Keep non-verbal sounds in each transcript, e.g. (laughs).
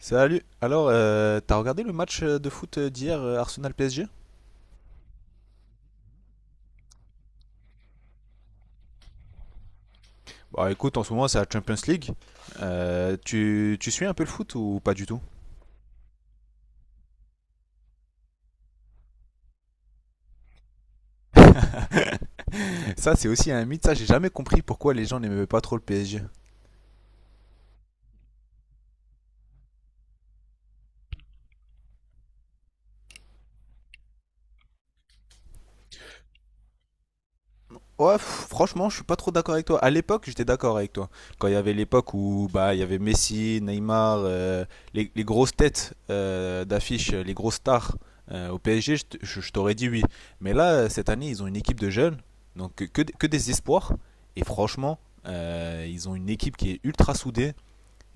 Salut. Alors, t'as regardé le match de foot d'hier, d'hier Arsenal PSG? Bah écoute, en ce moment c'est la Champions League. Tu suis un peu le foot ou pas du tout? (laughs) Ça c'est aussi un mythe, ça j'ai jamais compris pourquoi les gens n'aimaient pas trop le PSG. Ouais, pff, franchement, je suis pas trop d'accord avec toi. À l'époque, j'étais d'accord avec toi. Quand il y avait l'époque où bah il y avait Messi, Neymar, les grosses têtes d'affiche, les grosses stars au PSG, je t'aurais dit oui. Mais là, cette année, ils ont une équipe de jeunes, donc que des espoirs. Et franchement, ils ont une équipe qui est ultra soudée.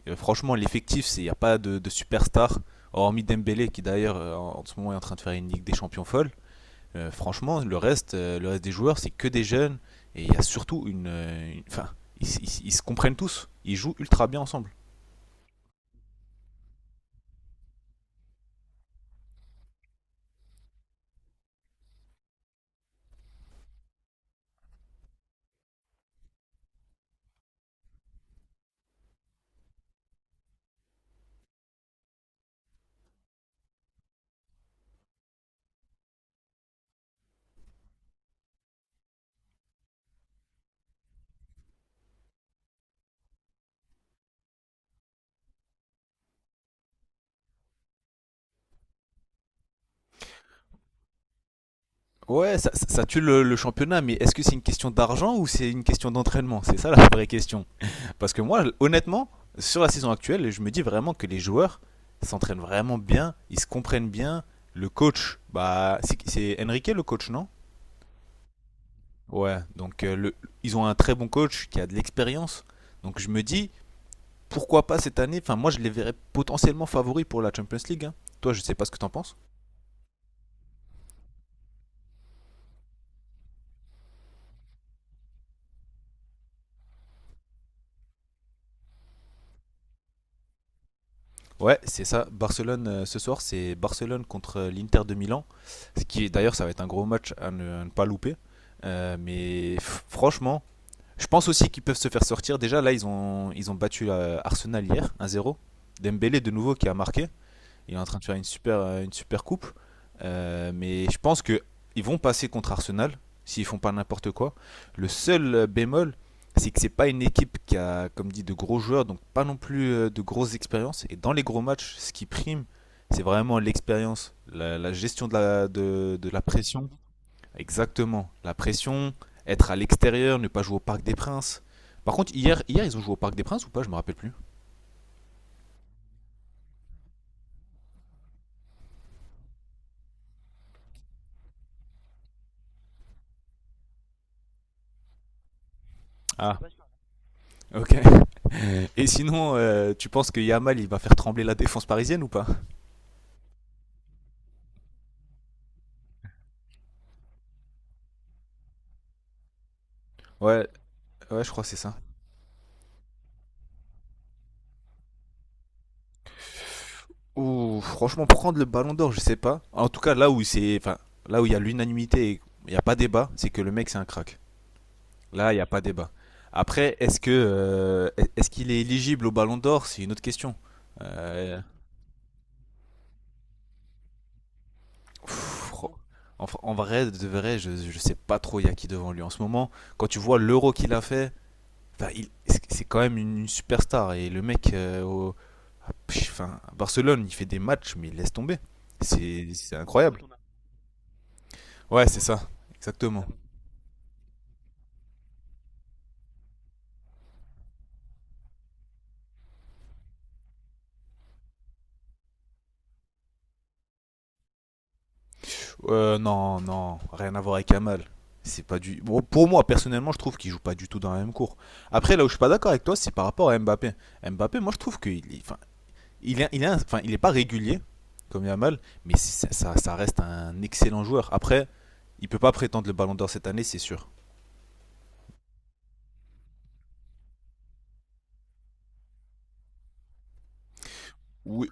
Franchement, l'effectif, c'est il n'y a pas de superstar, hormis Dembélé, qui d'ailleurs en ce moment est en train de faire une Ligue des Champions folle, franchement, le reste des joueurs, c'est que des jeunes. Et il y a surtout Enfin, ils se comprennent tous. Ils jouent ultra bien ensemble. Ouais, ça tue le championnat, mais est-ce que c'est une question d'argent ou c'est une question d'entraînement? C'est ça la vraie question. Parce que moi, honnêtement, sur la saison actuelle, je me dis vraiment que les joueurs s'entraînent vraiment bien, ils se comprennent bien. Le coach, bah, c'est Enrique le coach, non? Ouais, donc euh, le, Ils ont un très bon coach qui a de l'expérience. Donc je me dis, pourquoi pas cette année? Enfin, moi, je les verrais potentiellement favoris pour la Champions League, hein. Toi, je sais pas ce que t'en penses. Ouais, c'est ça. Barcelone ce soir, c'est Barcelone contre l'Inter de Milan. Ce qui, d'ailleurs, ça va être un gros match à ne pas louper. Mais f- franchement, je pense aussi qu'ils peuvent se faire sortir. Déjà, là, ils ont battu Arsenal hier, 1-0. Dembélé de nouveau qui a marqué. Il est en train de faire une super coupe. Mais je pense que ils vont passer contre Arsenal s'ils font pas n'importe quoi. Le seul bémol, c'est que c'est pas une équipe qui a, comme dit, de gros joueurs, donc pas non plus de grosses expériences. Et dans les gros matchs, ce qui prime, c'est vraiment l'expérience, la gestion de de la pression. Exactement, la pression, être à l'extérieur, ne pas jouer au Parc des Princes. Par contre, hier ils ont joué au Parc des Princes ou pas? Je me rappelle plus. Ah, ok. Et sinon, tu penses que Yamal, il va faire trembler la défense parisienne ou pas? Ouais, ouais, je crois que c'est ça. Ou franchement, prendre le ballon d'or, je sais pas. En tout cas, là où c'est, enfin, là où il y a l'unanimité et il n'y a pas débat, c'est que le mec, c'est un crack. Là, il n'y a pas débat. Après, est-ce qu'il est éligible au ballon d'or? C'est une autre question. Euh, pff, fro- en, fr- En vrai, de vrai, je sais pas trop il y a qui devant lui en ce moment. Quand tu vois l'euro qu'il a fait, enfin, c'est quand même une superstar. Et le mec, Enfin, Barcelone, il fait des matchs, mais il laisse tomber. C'est incroyable. Ouais, c'est ça, exactement. Non, non, rien à voir avec Amal. C'est pas du. Bon, pour moi, personnellement, je trouve qu'il joue pas du tout dans la même cour. Après, là où je suis pas d'accord avec toi, c'est par rapport à Mbappé. Mbappé, moi, je trouve qu'il est, enfin, enfin, il est pas régulier comme Yamal, mais ça reste un excellent joueur. Après, il peut pas prétendre le Ballon d'Or cette année, c'est sûr. Oui.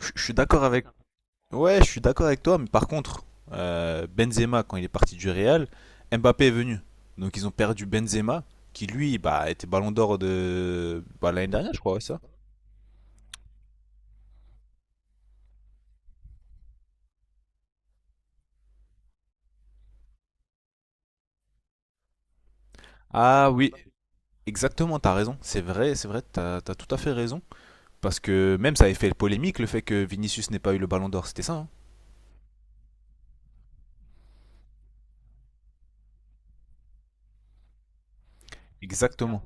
Je suis d'accord avec. Ouais, je suis d'accord avec toi, mais par contre, Benzema, quand il est parti du Real, Mbappé est venu. Donc ils ont perdu Benzema, qui lui, bah, était ballon d'or de bah, l'année dernière, je crois, ouais, ça. Ah oui, exactement, t'as raison. C'est vrai, t'as tout à fait raison. Parce que même ça avait fait polémique le fait que Vinicius n'ait pas eu le ballon d'or, c'était ça, hein? Exactement.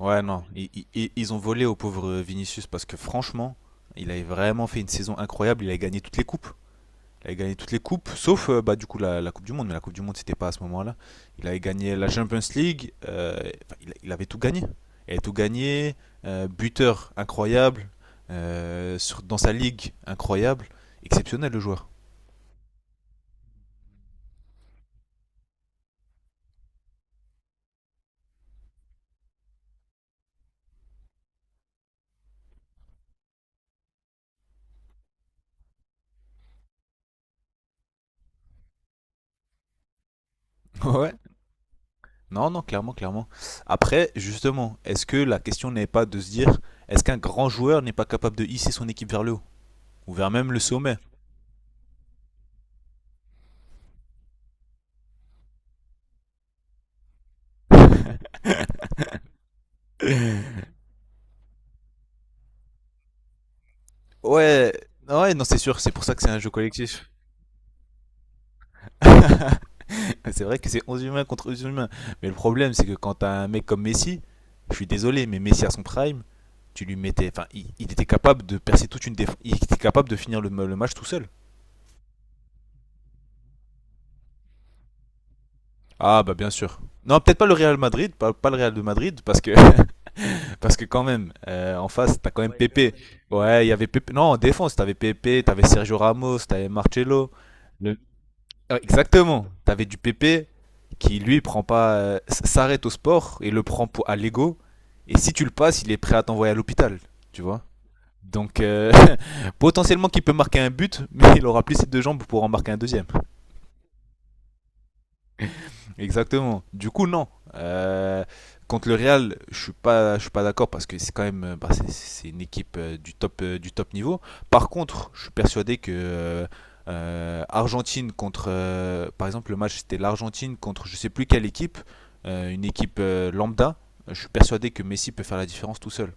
Ouais, non, ils ont volé au pauvre Vinicius parce que franchement, il avait vraiment fait une saison incroyable, il a gagné toutes les coupes. Il avait gagné toutes les coupes, sauf bah, du coup la Coupe du Monde, mais la Coupe du Monde c'était pas à ce moment-là. Il avait gagné la Champions League, enfin, il avait tout gagné. Il avait tout gagné, buteur incroyable, dans sa ligue incroyable, exceptionnel le joueur. (laughs) Ouais. Non, non, clairement, clairement. Après, justement, est-ce que la question n'est pas de se dire, est-ce qu'un grand joueur n'est pas capable de hisser son équipe vers le haut, ou vers même le sommet? (laughs) Ouais, ouais, non, c'est sûr, c'est pour ça que c'est un jeu collectif. (laughs) C'est vrai que c'est 11 humains contre 11 humains. Mais le problème, c'est que quand t'as un mec comme Messi, je suis désolé, mais Messi à son prime, tu lui mettais. Enfin, il était capable de percer toute une défense. Il était capable de finir le match tout seul. Ah, bah bien sûr. Non, peut-être pas le Real Madrid, pas le Real de Madrid, parce que, (laughs) parce que quand même, en face, t'as quand même Pepe. Ouais, il y avait Pepe. Non, en défense, t'avais Pepe, t'avais Sergio Ramos, t'avais Marcelo. Ouais, exactement. T'avais du PP qui, lui, prend pas, s'arrête au sport et le prend pour, à l'ego. Et si tu le passes, il est prêt à t'envoyer à l'hôpital, tu vois. Donc, (laughs) potentiellement qu'il peut marquer un but, mais il aura plus ses deux jambes pour en marquer un deuxième. Exactement. Du coup, non. Euh, contre le Real, je suis pas d'accord parce que c'est quand même, bah, c'est une équipe du top niveau. Par contre, je suis persuadé que Argentine contre, par exemple, le match c'était l'Argentine contre, je sais plus quelle équipe, une équipe lambda. Je suis persuadé que Messi peut faire la différence tout seul.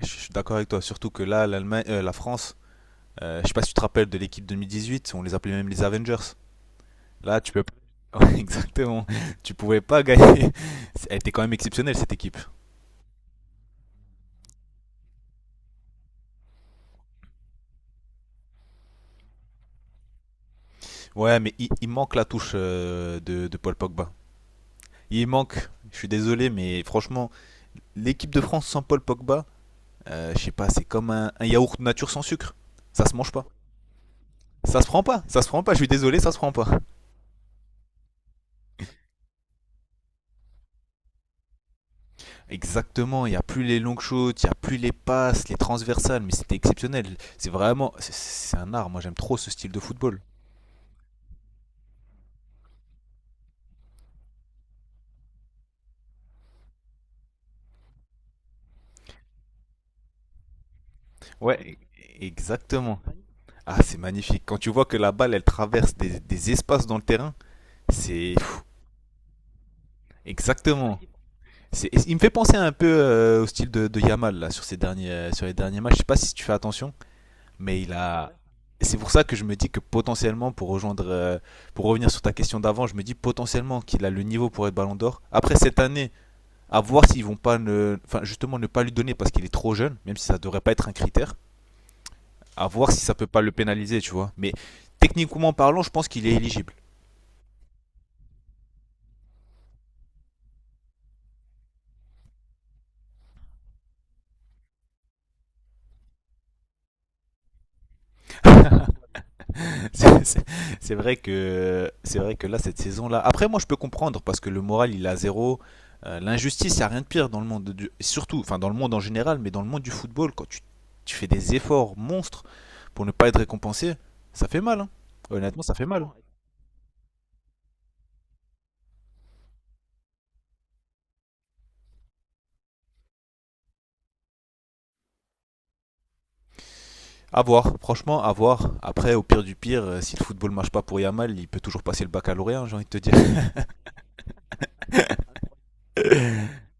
Je suis d'accord avec toi, surtout que là, l'Allemagne, la France, je sais pas si tu te rappelles de l'équipe 2018, on les appelait même les Avengers. Là, tu peux pas. (laughs) Ouais, exactement. Tu pouvais pas gagner. (laughs) Elle était quand même exceptionnelle cette équipe. Ouais, mais il manque la touche de Paul Pogba. Il manque. Je suis désolé, mais franchement, l'équipe de France sans Paul Pogba, je sais pas, c'est comme un yaourt nature sans sucre. Ça se mange pas. Ça se prend pas. Ça se prend pas. Je suis désolé, ça se prend pas. Exactement. Il y a plus les longues shoots, il y a plus les passes, les transversales, mais c'était exceptionnel. C'est vraiment, c'est un art. Moi, j'aime trop ce style de football. Ouais, exactement. Ah, c'est magnifique. Quand tu vois que la balle, elle traverse des espaces dans le terrain, c'est exactement. Il me fait penser un peu au style de Yamal là sur ces derniers, sur les derniers matchs. Je sais pas si tu fais attention, mais il a. C'est pour ça que je me dis que potentiellement, pour rejoindre, pour revenir sur ta question d'avant, je me dis potentiellement qu'il a le niveau pour être Ballon d'Or. Après cette année, à voir s'ils vont pas, ne... enfin justement ne pas lui donner parce qu'il est trop jeune, même si ça devrait pas être un critère. À voir si ça peut pas le pénaliser, tu vois. Mais techniquement parlant, je pense qu'il est éligible. (laughs) C'est- C'est c'est vrai que là cette saison là. Après moi je peux comprendre parce que le moral il est à zéro. L'injustice il y a rien de pire dans le monde du surtout enfin dans le monde en général mais dans le monde du football quand tu fais des efforts monstres pour ne pas être récompensé ça fait mal, hein. Honnêtement ça fait mal. À voir franchement à voir. Après au pire du pire si le football marche pas pour Yamal il peut toujours passer le baccalauréat hein, j'ai envie de te dire. (laughs)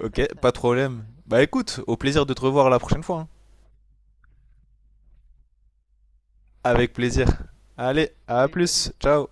ok pas de problème. Bah écoute au plaisir de te revoir la prochaine fois, hein. Avec plaisir. Allez à plus ciao.